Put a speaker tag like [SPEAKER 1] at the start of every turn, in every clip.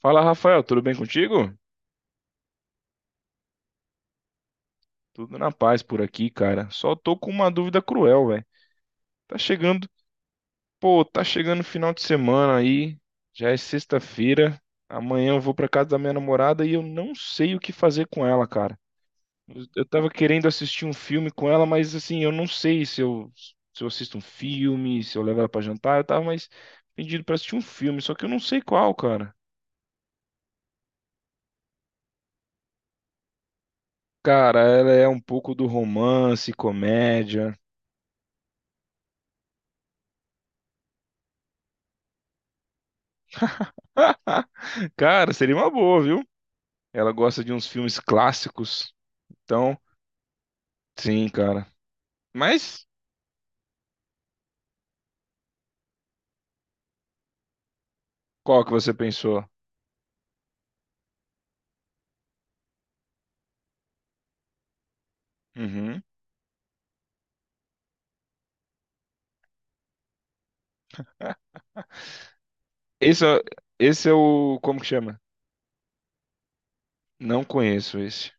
[SPEAKER 1] Fala, Rafael, tudo bem contigo? Tudo na paz por aqui, cara. Só tô com uma dúvida cruel, velho. Tá chegando, pô, tá chegando o final de semana aí. Já é sexta-feira. Amanhã eu vou pra casa da minha namorada e eu não sei o que fazer com ela, cara. Eu tava querendo assistir um filme com ela, mas assim, eu não sei se eu assisto um filme, se eu levo ela pra jantar. Eu tava mais pedindo pra assistir um filme, só que eu não sei qual, cara. Cara, ela é um pouco do romance, comédia. Cara, seria uma boa, viu? Ela gosta de uns filmes clássicos. Então, sim, cara. Mas qual que você pensou? Uhum. Esse, é- Esse é o. Como que chama? Não conheço esse.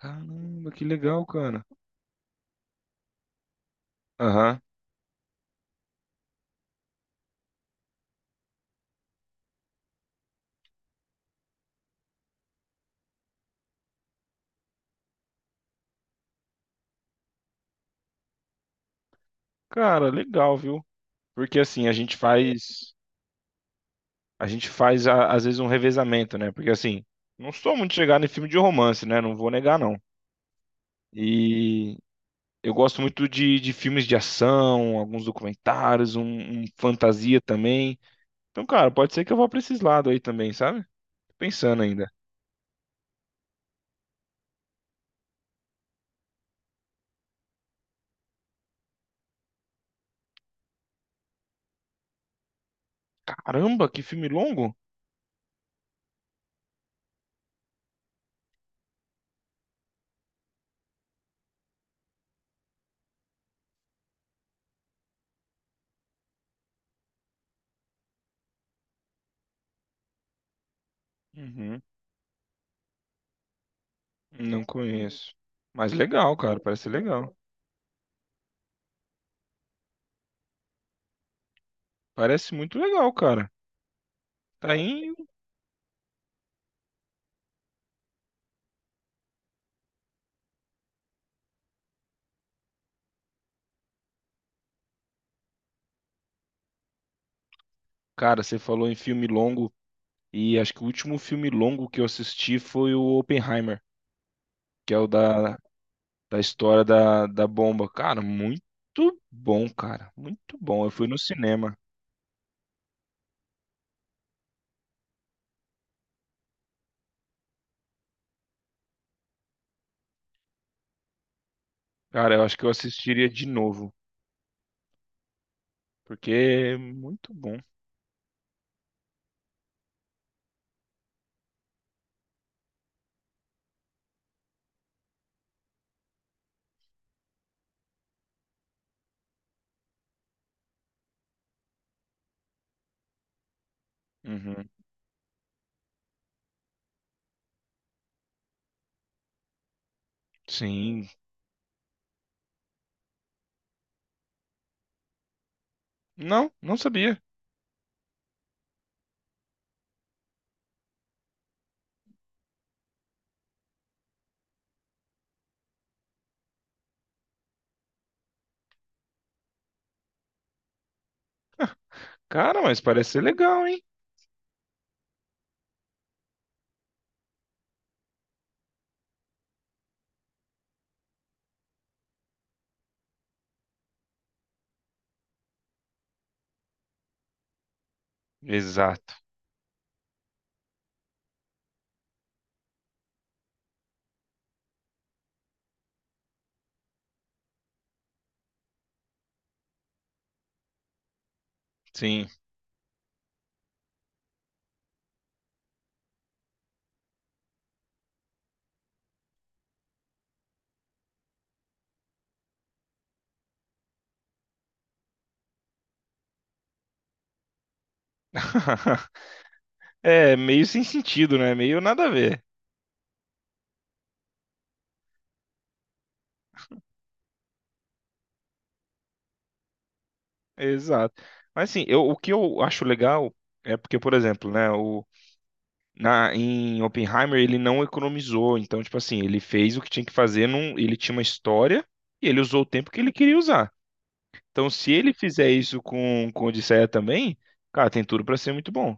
[SPEAKER 1] Caramba, que legal, cara. Aham. Cara, legal, viu? Porque assim, a gente faz. A gente faz, às vezes, um revezamento, né? Porque assim, não sou muito chegado em filme de romance, né? Não vou negar, não. E eu gosto muito de filmes de ação, alguns documentários, um fantasia também. Então, cara, pode ser que eu vá pra esses lados aí também, sabe? Tô pensando ainda. Caramba, que filme longo? Uhum, não conheço. Mas legal, cara, parece legal. Parece muito legal, cara. Tá aí. Cara, você falou em filme longo e acho que o último filme longo que eu assisti foi o Oppenheimer, que é o da história da bomba. Cara, muito bom, cara. Muito bom. Eu fui no cinema. Cara, eu acho que eu assistiria de novo, porque é muito bom. Uhum. Sim. Não, não sabia. Cara, mas parece ser legal, hein? Exato. Sim. É, meio sem sentido, né? Meio nada a ver. Exato. Mas assim, eu, o que eu acho legal é porque, por exemplo, né, na, em Oppenheimer ele não economizou. Então, tipo assim, ele fez o que tinha que fazer, num, ele tinha uma história e ele usou o tempo que ele queria usar. Então, se ele fizer isso com Odisseia também, cara, tem tudo pra ser muito bom.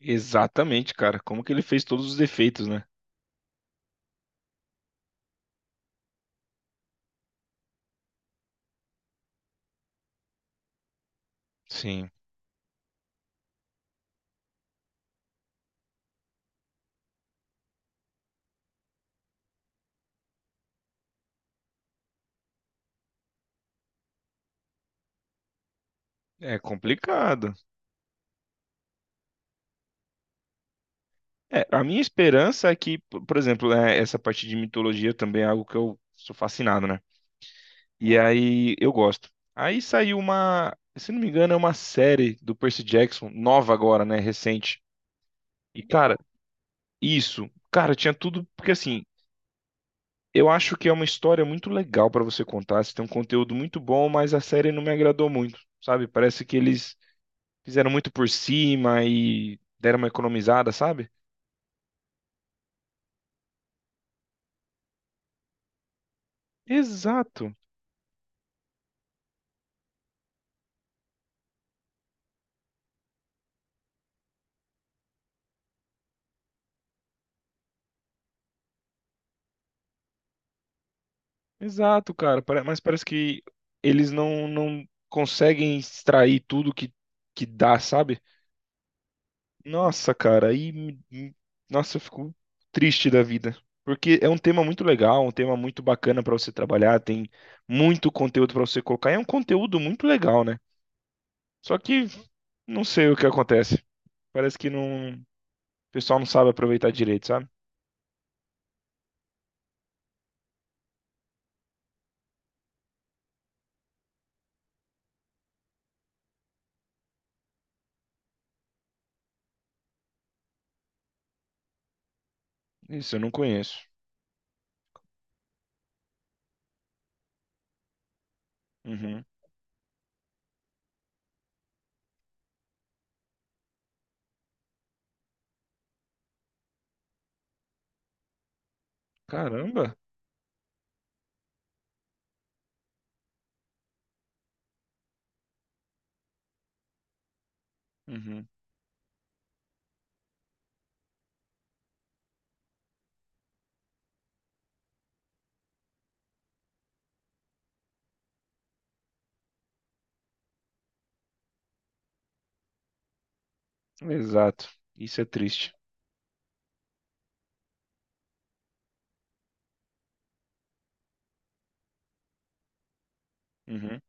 [SPEAKER 1] Exatamente, cara. Como que ele fez todos os defeitos, né? Sim. É complicado. É, a minha esperança é que, por exemplo, né, essa parte de mitologia também é algo que eu sou fascinado, né? E aí eu gosto. Aí saiu uma, se não me engano, é uma série do Percy Jackson, nova agora, né? Recente. E, cara, isso, cara, tinha tudo, porque assim, eu acho que é uma história muito legal pra você contar. Você tem um conteúdo muito bom, mas a série não me agradou muito, sabe? Parece que eles fizeram muito por cima e deram uma economizada, sabe? Exato. Exato, cara. Mas parece que eles não, não conseguem extrair tudo que dá, sabe? Nossa, cara, aí. Nossa, eu fico triste da vida. Porque é um tema muito legal, um tema muito bacana pra você trabalhar, tem muito conteúdo pra você colocar. É um conteúdo muito legal, né? Só que não sei o que acontece. Parece que não, o pessoal não sabe aproveitar direito, sabe? Isso eu não conheço. Uhum. Caramba. Uhum. Exato. Isso é triste. Uhum.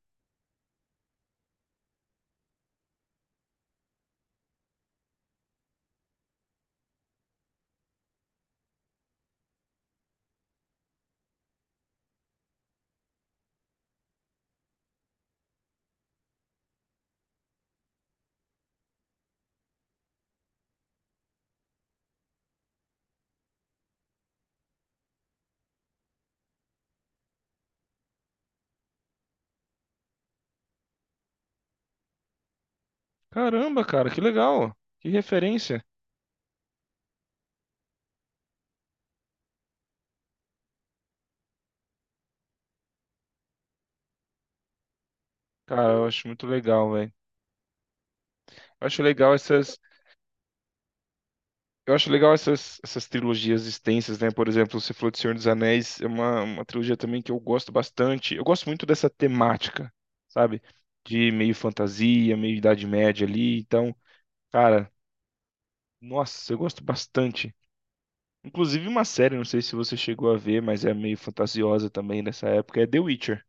[SPEAKER 1] Caramba, cara, que legal. Que referência. Cara, eu acho muito legal, velho. Eu acho legal essas, eu acho legal essas, essas trilogias extensas, né? Por exemplo, você falou de Senhor dos Anéis, é uma trilogia também que eu gosto bastante. Eu gosto muito dessa temática, sabe? De meio fantasia, meio Idade Média ali. Então, cara, nossa, eu gosto bastante. Inclusive uma série, não sei se você chegou a ver, mas é meio fantasiosa também nessa época, é The Witcher.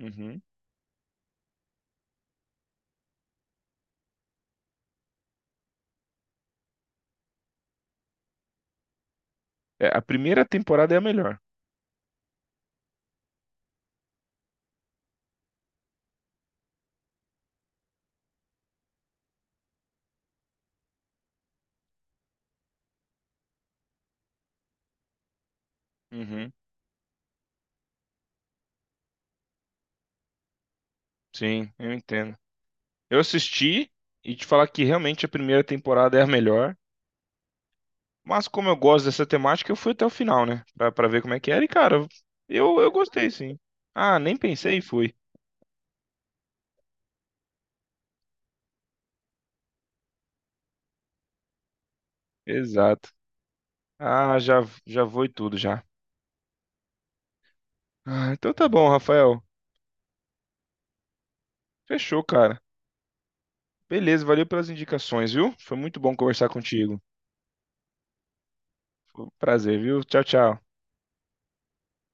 [SPEAKER 1] Uhum. É, a primeira temporada é a melhor. Uhum. Sim, eu entendo. Eu assisti e te falar que realmente a primeira temporada é a melhor. Mas como eu gosto dessa temática, eu fui até o final, né? Pra ver como é que era. E, cara, eu gostei, sim. Ah, nem pensei e fui. Exato. Ah, já, já vou e tudo já. Ah, então tá bom, Rafael. Fechou, cara. Beleza, valeu pelas indicações, viu? Foi muito bom conversar contigo. Prazer, viu? Tchau, tchau.